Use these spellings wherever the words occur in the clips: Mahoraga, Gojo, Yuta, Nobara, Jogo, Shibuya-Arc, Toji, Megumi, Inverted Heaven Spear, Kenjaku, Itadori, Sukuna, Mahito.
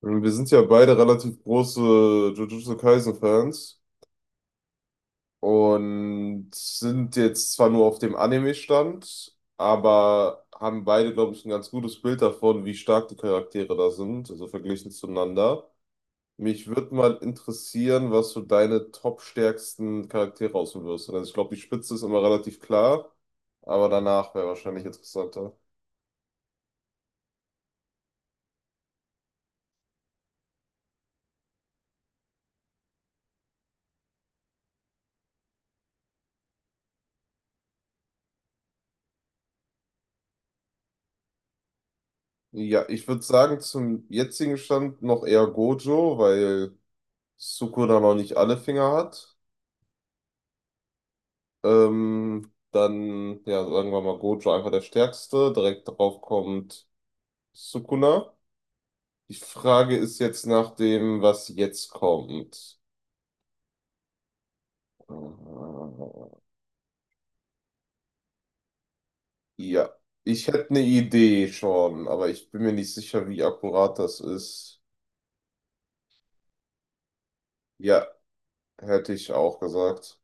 Und wir sind ja beide relativ große Jujutsu Kaisen-Fans und sind jetzt zwar nur auf dem Anime-Stand, aber haben beide, glaube ich, ein ganz gutes Bild davon, wie stark die Charaktere da sind, also verglichen zueinander. Mich würde mal interessieren, was so deine top-stärksten Charaktere aussuchen wirst. Also ich glaube, die Spitze ist immer relativ klar, aber danach wäre wahrscheinlich interessanter. Ja, ich würde sagen, zum jetzigen Stand noch eher Gojo, weil Sukuna da noch nicht alle Finger hat. Dann, ja, sagen wir mal, Gojo einfach der Stärkste. Direkt darauf kommt Sukuna. Die Frage ist jetzt nach dem, was jetzt kommt. Äh, Ja, ich hätte eine Idee schon, aber ich bin mir nicht sicher, wie akkurat das ist. Ja, hätte ich auch gesagt.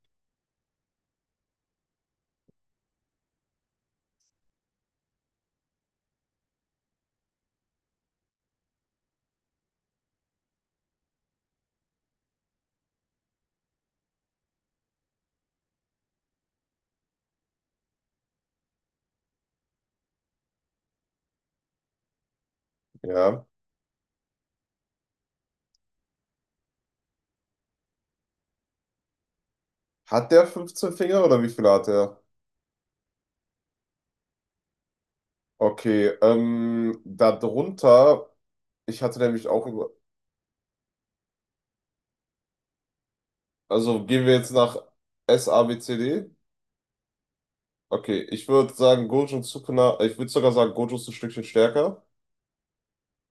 Ja. Hat der 15 Finger oder wie viele hat er? Okay, darunter, ich hatte nämlich auch über. Also gehen wir jetzt nach S, A, B, C, D. Okay, ich würde sagen, Gojo und Sukuna, ich würde sogar sagen, Gojo ist ein Stückchen stärker.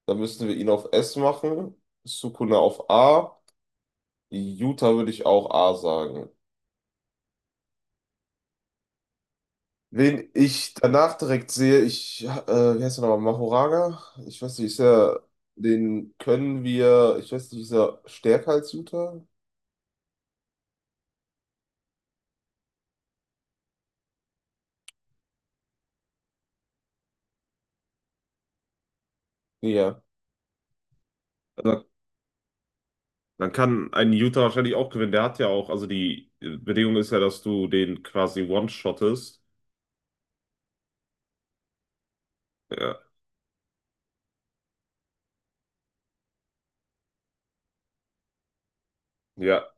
Dann müssten wir ihn auf S machen, Sukuna auf A, Yuta würde ich auch A sagen. Wen ich danach direkt sehe, wie heißt er nochmal, Mahoraga? Ich weiß nicht, ist er, den können wir, ich weiß nicht, ist er stärker als Yuta? Ja. Also, dann kann ein Utah wahrscheinlich auch gewinnen. Der hat ja auch, also die Bedingung ist ja, dass du den quasi one-shottest. Ja, ja,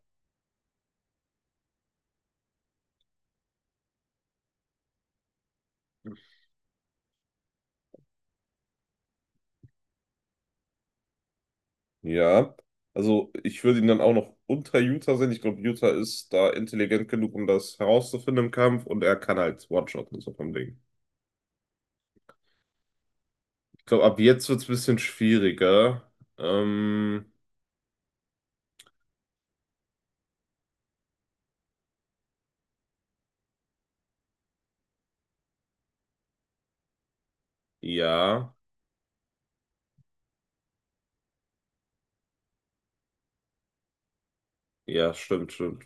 ja. Also ich würde ihn dann auch noch unter Utah sehen. Ich glaube, Utah ist da intelligent genug, um das herauszufinden im Kampf und er kann halt One-Shotten, so vom Ding. Ich glaube, ab jetzt wird es ein bisschen schwieriger. Ähm, ja, ja, stimmt, stimmt.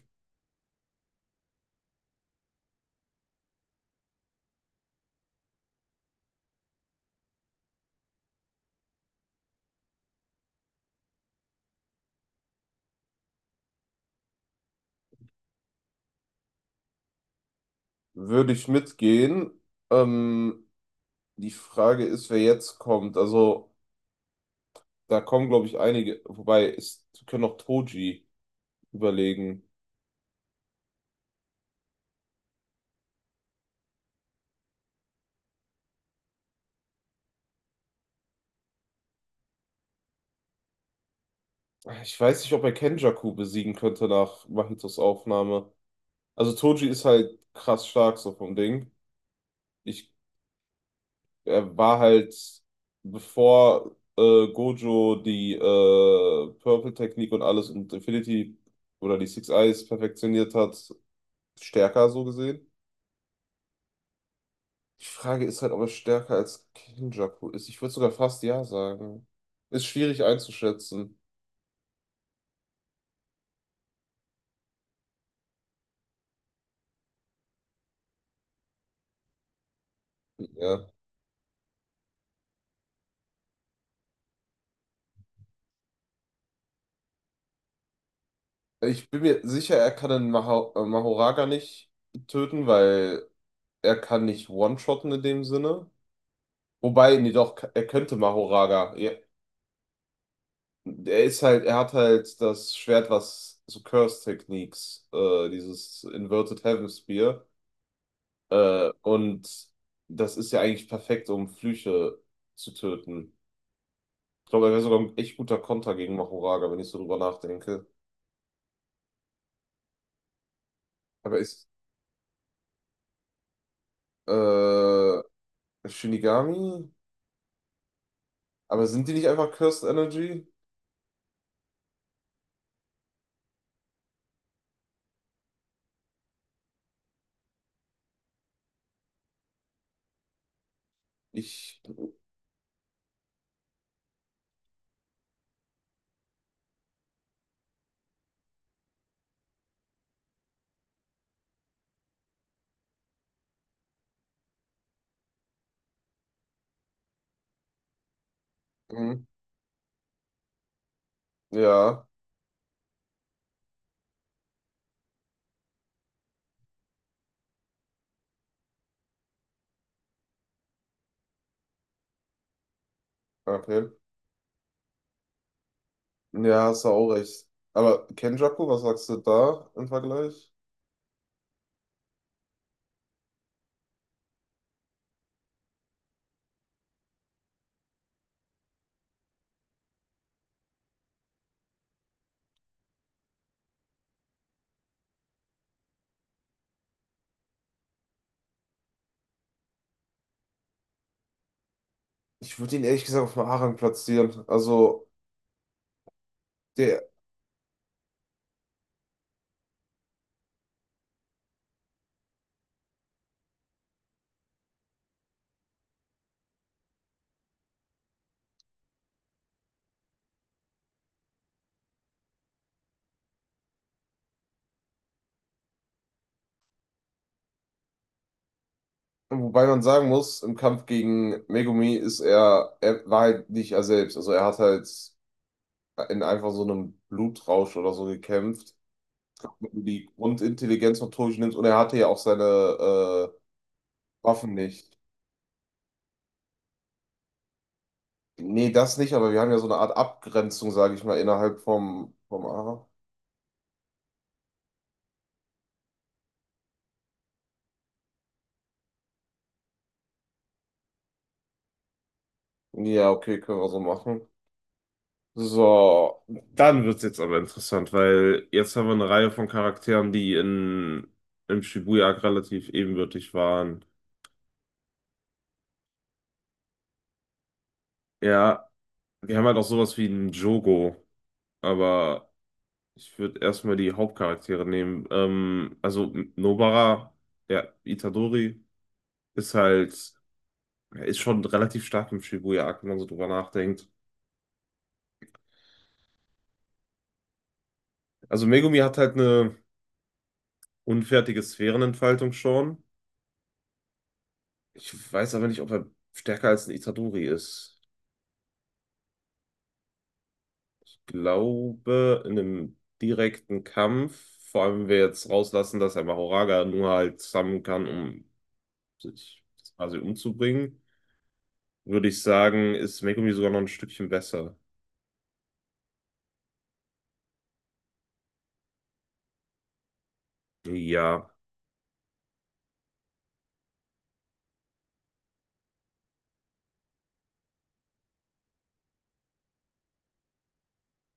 Würde ich mitgehen. Ähm, Die Frage ist, wer jetzt kommt. Also da kommen, glaube ich, einige. Wobei, es können auch Toji überlegen. Ich weiß nicht, ob er Kenjaku besiegen könnte nach Mahitos Aufnahme. Also Toji ist halt krass stark so vom Ding. Ich, Er war halt, bevor Gojo die Purple-Technik und alles und Infinity oder die Six Eyes perfektioniert hat, stärker so gesehen. Die Frage ist halt, ob er stärker als Kenjaku ist. Ich würde sogar fast ja sagen. Ist schwierig einzuschätzen. Ja. Ich bin mir sicher, er kann den Mahoraga nicht töten, weil er kann nicht one-shotten in dem Sinne. Wobei, nee, doch, er könnte Mahoraga. Ja, er ist halt, er hat halt das Schwert, was so Curse Techniques, dieses Inverted Heaven Spear. Und das ist ja eigentlich perfekt, um Flüche zu töten. Ich glaube, er wäre sogar ein echt guter Konter gegen Mahoraga, wenn ich so drüber nachdenke. Aber ist, äh, Shinigami? Aber sind die nicht einfach Cursed Energy? Ich, hm, ja, okay. Ja, hast du auch recht. Aber Kenjaku, was sagst du da im Vergleich? Ich würde ihn ehrlich gesagt auf Maharang platzieren. Also, der, wobei man sagen muss, im Kampf gegen Megumi er war halt nicht er selbst. Also, er hat halt in einfach so einem Blutrausch oder so gekämpft. Wenn du die Grundintelligenz von Toji nimmst und er hatte ja auch seine äh, Waffen nicht. Nee, das nicht, aber wir haben ja so eine Art Abgrenzung, sage ich mal, innerhalb vom Ara. Ja, okay, können wir so machen. So, dann wird's jetzt aber interessant, weil jetzt haben wir eine Reihe von Charakteren, die im Shibuya-Arc relativ ebenbürtig waren. Ja, wir haben halt auch sowas wie einen Jogo, aber ich würde erstmal die Hauptcharaktere nehmen. Also Nobara, ja, Itadori ist halt, ist schon relativ stark im Shibuya-Arc, wenn man so drüber nachdenkt. Also Megumi hat halt eine unfertige Sphärenentfaltung schon. Ich weiß aber nicht, ob er stärker als ein Itadori ist. Glaube, in einem direkten Kampf, vor allem wenn wir jetzt rauslassen, dass er Mahoraga nur halt summonen kann, um sich quasi umzubringen, würde ich sagen, ist Megumi sogar noch ein Stückchen besser. Ja,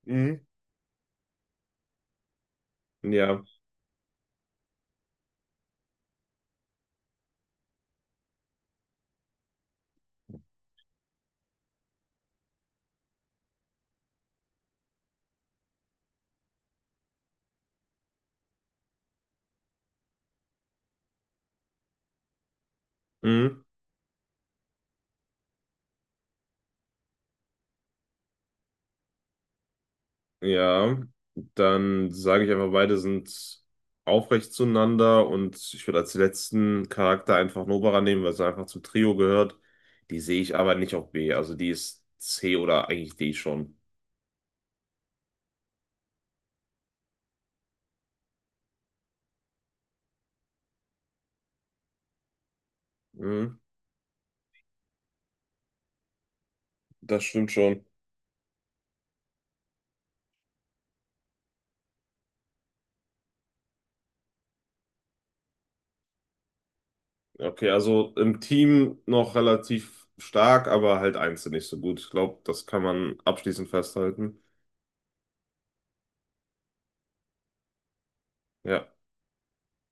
mhm, ja, mhm. Ja. Dann sage ich einfach, beide sind aufrecht zueinander und ich würde als letzten Charakter einfach Nobara nehmen, weil sie einfach zum Trio gehört. Die sehe ich aber nicht auf B, also die ist C oder eigentlich D schon. Mhm. Das stimmt schon. Okay, also im Team noch relativ stark, aber halt einzeln nicht so gut. Ich glaube, das kann man abschließend festhalten. Ja.